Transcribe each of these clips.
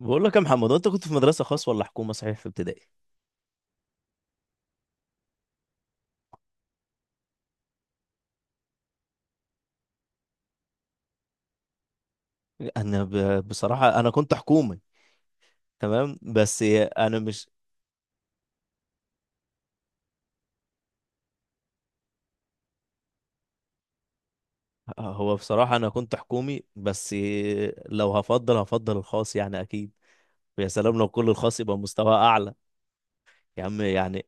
بقول لك يا محمد، انت كنت في مدرسه خاص ولا حكومه؟ صحيح في ابتدائي؟ بصراحه انا كنت حكومي. تمام بس. انا مش. هو بصراحه انا كنت حكومي بس. لو هفضل الخاص يعني اكيد. ويا سلام لو كل الخاص يبقى مستوى اعلى. يا عم يعني.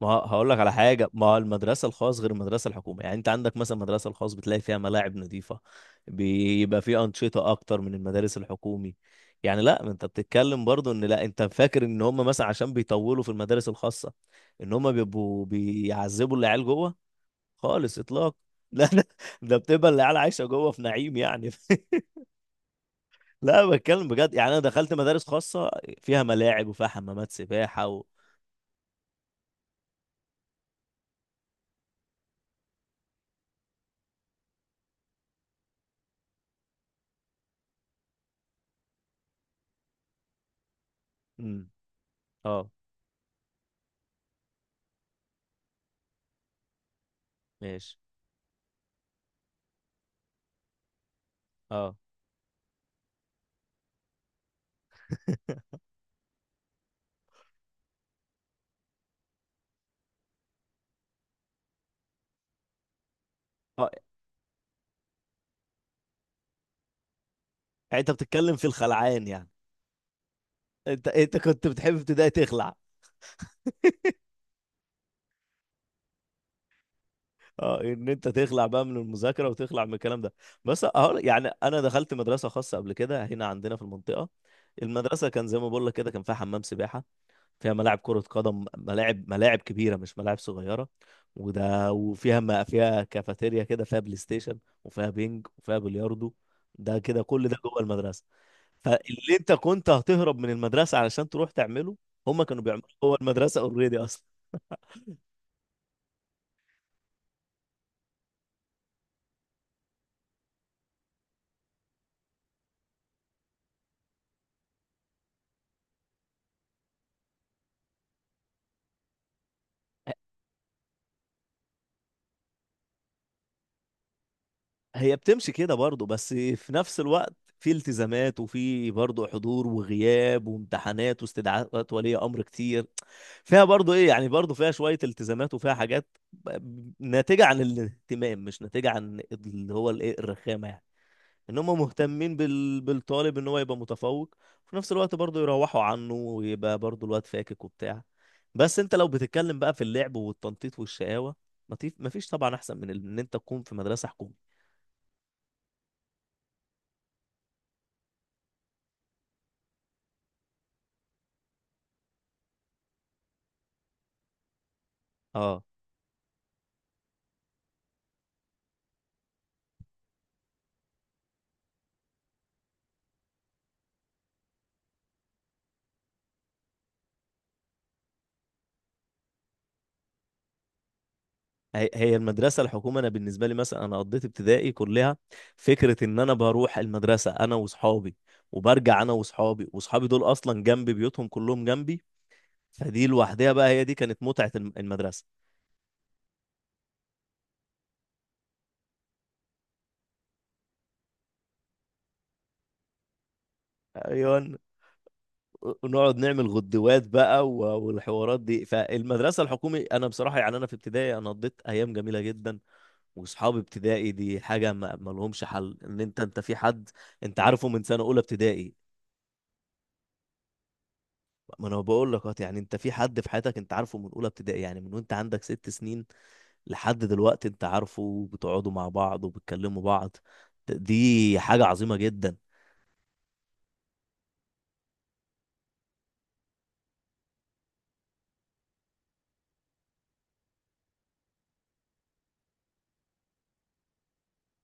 ما هقول لك على حاجه، ما المدرسه الخاص غير المدرسه الحكومه يعني، انت عندك مثلا المدرسه الخاص بتلاقي فيها ملاعب نظيفه، بيبقى فيه انشطه اكتر من المدارس الحكومي. يعني لا، ما انت بتتكلم برضو ان، لا انت فاكر ان هم مثلا عشان بيطولوا في المدارس الخاصه ان هم بيبقوا بيعذبوا العيال جوه خالص اطلاق. لا، ده بتبقى العيال عايشه جوه في نعيم يعني. لا بتكلم بجد يعني، انا دخلت مدارس خاصه فيها ملاعب وفيها حمامات سباحه مم. اه ماشي اه. اه. يعني انت بتتكلم في الخلعان يعني؟ انت كنت بتحب في ابتدائي تخلع؟ اه، ان انت تخلع بقى من المذاكره وتخلع من الكلام ده. بس اهو يعني، انا دخلت مدرسه خاصه قبل كده هنا عندنا في المنطقه. المدرسه، كان زي ما بقول لك كده، كان فيها حمام سباحه، فيها ملاعب كره قدم، ملاعب ملاعب كبيره مش ملاعب صغيره. وده وفيها ما فيها كافيتيريا كده، فيها بلاي ستيشن، وفيها بينج وفيها بلياردو. ده كده كل ده جوه المدرسه. فاللي انت كنت هتهرب من المدرسه علشان تروح تعمله، هم كانوا بيعملوا جوه المدرسه اوريدي اصلا. هي بتمشي كده برضه، بس في نفس الوقت في التزامات، وفي برضه حضور وغياب وامتحانات واستدعاءات ولي امر كتير. فيها برضه ايه يعني، برضه فيها شويه التزامات، وفيها حاجات ناتجه عن الاهتمام مش ناتجه عن اللي هو الايه الرخامه يعني. ان هم مهتمين بالطالب ان هو يبقى متفوق، وفي نفس الوقت برضه يروحوا عنه ويبقى برضه الواد فاكك وبتاع. بس انت لو بتتكلم بقى في اللعب والتنطيط والشقاوة، مفيش طبعا احسن من ان انت تكون في مدرسة حكومة. اه. هي هي المدرسة الحكومة، أنا بالنسبة لي مثلا أنا قضيت ابتدائي كلها فكرة إن أنا بروح المدرسة أنا وصحابي، وبرجع أنا وصحابي، وصحابي دول أصلا جنبي، بيوتهم كلهم جنبي. فدي لوحدها بقى هي دي كانت متعة المدرسة. أيوة. ونقعد نعمل غدوات بقى والحوارات دي. فالمدرسة الحكومي أنا بصراحة يعني، أنا في ابتدائي أنا قضيت أيام جميلة جدا. وأصحاب ابتدائي دي حاجة ما لهمش حل، إن أنت في حد أنت عارفه من سنة أولى ابتدائي. ما أنا بقول لك أهو، يعني أنت في حد في حياتك أنت عارفه من أولى ابتدائي، يعني من وأنت عندك 6 سنين لحد دلوقتي أنت عارفه، وبتقعدوا مع بعض وبتكلموا بعض، دي حاجة عظيمة جدا.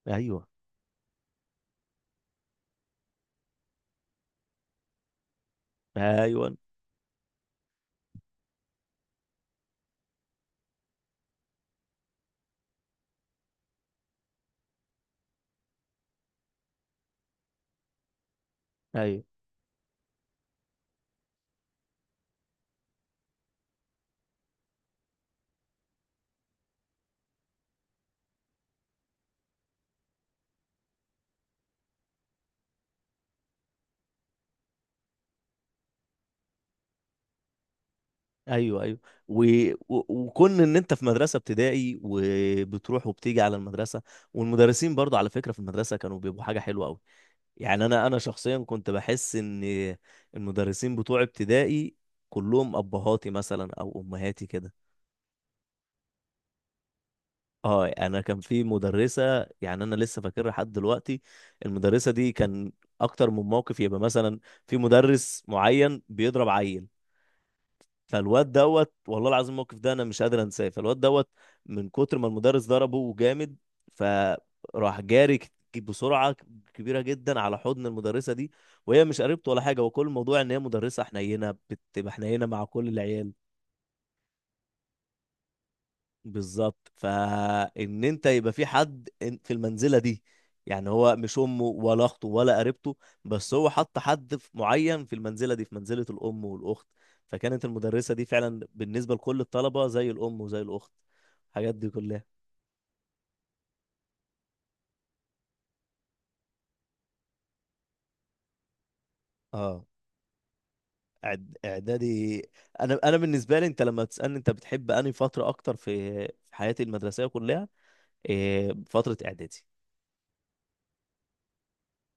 أيوه أيوه أيوه ايوه ايوه. و... وكون ان انت في مدرسه ابتدائي وبتروح وبتيجي على المدرسه، والمدرسين برضه على فكره في المدرسه كانوا بيبقوا حاجه حلوه قوي. يعني انا شخصيا كنت بحس ان المدرسين بتوع ابتدائي كلهم ابهاتي مثلا او امهاتي كده. اه، انا كان في مدرسه يعني انا لسه فاكرها لحد دلوقتي. المدرسه دي كان اكتر من موقف، يبقى مثلا في مدرس معين بيضرب عيل، فالواد دوت والله العظيم، الموقف ده انا مش قادر انساه. فالواد دوت من كتر ما المدرس ضربه جامد، فراح جاري بسرعه كبيره جدا على حضن المدرسه دي، وهي مش قريبته ولا حاجه. وكل الموضوع ان هي مدرسه حنينه، بتبقى حنينه مع كل العيال. بالظبط، فان انت يبقى في حد في المنزله دي. يعني هو مش امه ولا اخته ولا قريبته، بس هو حط حد معين في المنزله دي، في منزله الام والاخت. فكانت المدرسه دي فعلا بالنسبه لكل الطلبه زي الام وزي الاخت، الحاجات دي كلها. اه. اعدادي. انا بالنسبه لي، انت لما تسالني انت بتحب انهي فتره اكتر في حياتي المدرسيه كلها، إيه؟ فتره اعدادي.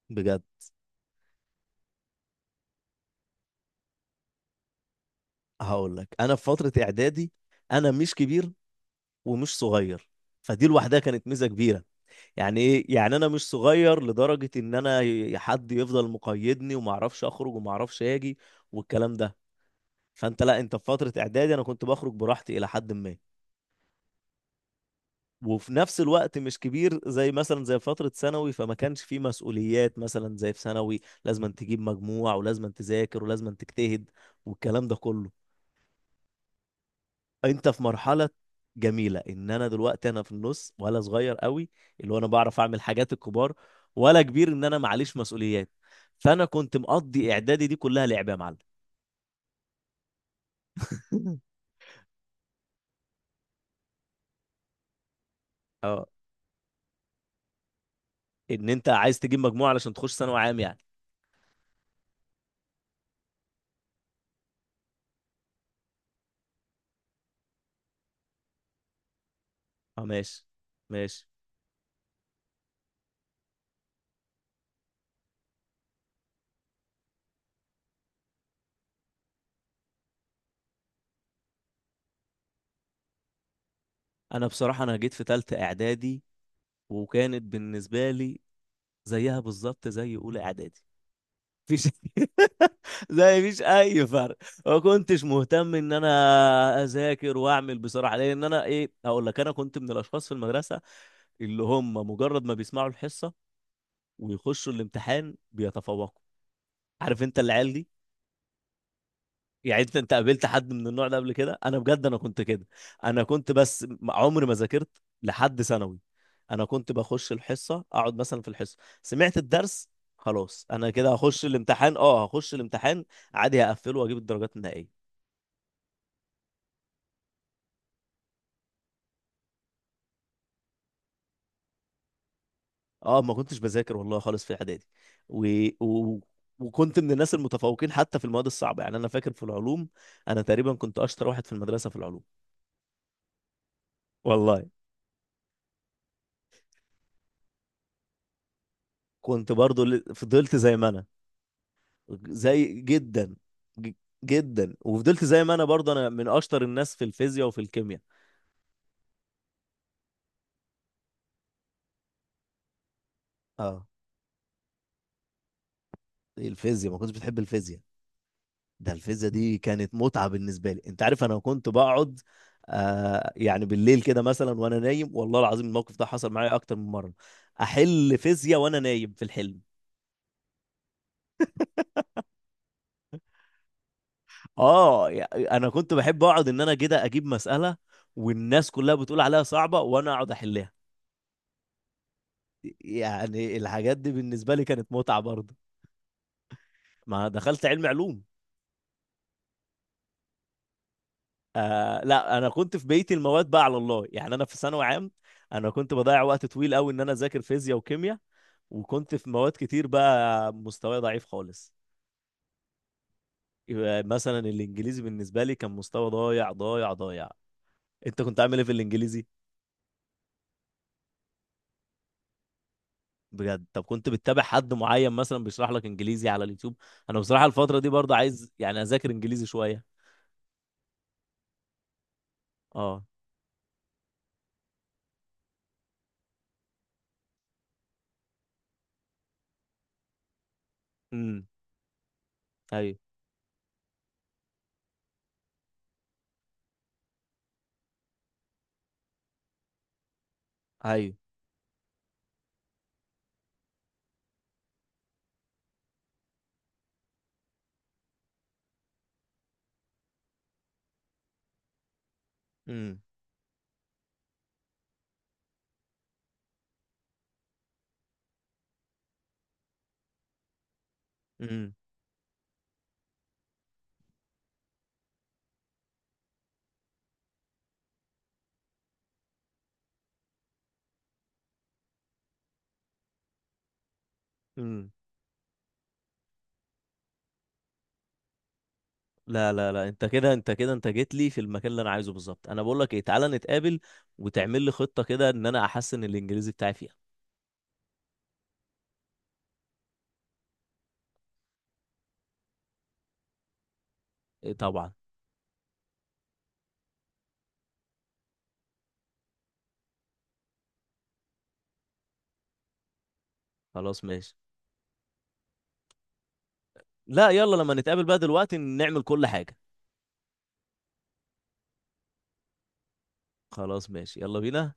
بجد. هقول لك، انا في فتره اعدادي انا مش كبير ومش صغير، فدي لوحدها كانت ميزة كبيرة. يعني ايه يعني؟ انا مش صغير لدرجة ان انا حد يفضل مقيدني وما اعرفش اخرج وما اعرفش اجي والكلام ده. فانت لا، انت في فترة اعدادي انا كنت بخرج براحتي الى حد ما، وفي نفس الوقت مش كبير زي مثلا زي فترة ثانوي، فما كانش فيه مسؤوليات مثلا زي في ثانوي، لازم أن تجيب مجموع ولازم أن تذاكر ولازم أن تجتهد والكلام ده كله. انت في مرحله جميله، ان انا دلوقتي انا في النص، ولا صغير قوي اللي هو انا بعرف اعمل حاجات الكبار، ولا كبير ان انا معليش مسؤوليات. فانا كنت مقضي اعدادي دي كلها لعب يا معلم. اه، ان انت عايز تجيب مجموعه علشان تخش ثانوي عام يعني. اه ماشي ماشي. انا بصراحه انا جيت في ثالثه اعدادي، وكانت بالنسبه لي زيها بالظبط زي اولى اعدادي، مفيش. زي مفيش اي فرق. ما كنتش مهتم ان انا اذاكر واعمل بصراحه، لان انا ايه هقول لك، انا كنت من الاشخاص في المدرسه اللي هم مجرد ما بيسمعوا الحصه ويخشوا الامتحان بيتفوقوا. عارف انت العيال دي؟ يعني انت قابلت حد من النوع ده قبل كده؟ انا بجد انا كنت كده. انا كنت بس عمري ما ذاكرت لحد ثانوي. انا كنت بخش الحصه، اقعد مثلا في الحصه، سمعت الدرس خلاص، انا كده هخش الامتحان، اه هخش الامتحان عادي، هقفله واجيب الدرجات النهائيه. اه ما كنتش بذاكر والله خالص في اعدادي، و... و... وكنت من الناس المتفوقين حتى في المواد الصعبه، يعني انا فاكر في العلوم انا تقريبا كنت اشطر واحد في المدرسه في العلوم والله. كنت برضو فضلت زي ما انا. زي جدا ج- جدا، وفضلت زي ما انا برضه، انا من اشطر الناس في الفيزياء وفي الكيمياء. اه. إيه الفيزياء، ما كنتش بتحب الفيزياء؟ ده الفيزياء دي كانت متعة بالنسبة لي. انت عارف انا كنت بقعد يعني بالليل كده مثلا وانا نايم، والله العظيم الموقف ده حصل معايا اكتر من مرة، احل فيزياء وانا نايم في الحلم. اه انا كنت بحب اقعد ان انا كده اجيب مسألة والناس كلها بتقول عليها صعبة وانا اقعد احلها، يعني الحاجات دي بالنسبة لي كانت متعة برضه. ما دخلت علوم. آه لا، انا كنت في بيتي المواد بقى على الله يعني، انا في ثانوي عام انا كنت بضيع وقت طويل قوي ان انا اذاكر فيزياء وكيمياء، وكنت في مواد كتير بقى مستواي ضعيف خالص. يبقى مثلا الانجليزي بالنسبه لي كان مستوى ضايع ضايع ضايع. انت كنت عامل ايه في الانجليزي؟ بجد؟ طب كنت بتتابع حد معين مثلا بيشرح لك انجليزي على اليوتيوب؟ انا بصراحه الفتره دي برضه عايز يعني اذاكر انجليزي شويه. اه. امم. ايوه ايوه. امم. امم. لا لا لا، انت جيت لي في المكان اللي انا عايزه بالظبط. انا بقول لك ايه، تعالى نتقابل وتعمل لي خطة كده ان انا احسن الانجليزي بتاعي فيها. إيه طبعا. خلاص ماشي. لا يلا لما نتقابل بقى دلوقتي نعمل كل حاجة. خلاص ماشي يلا بينا.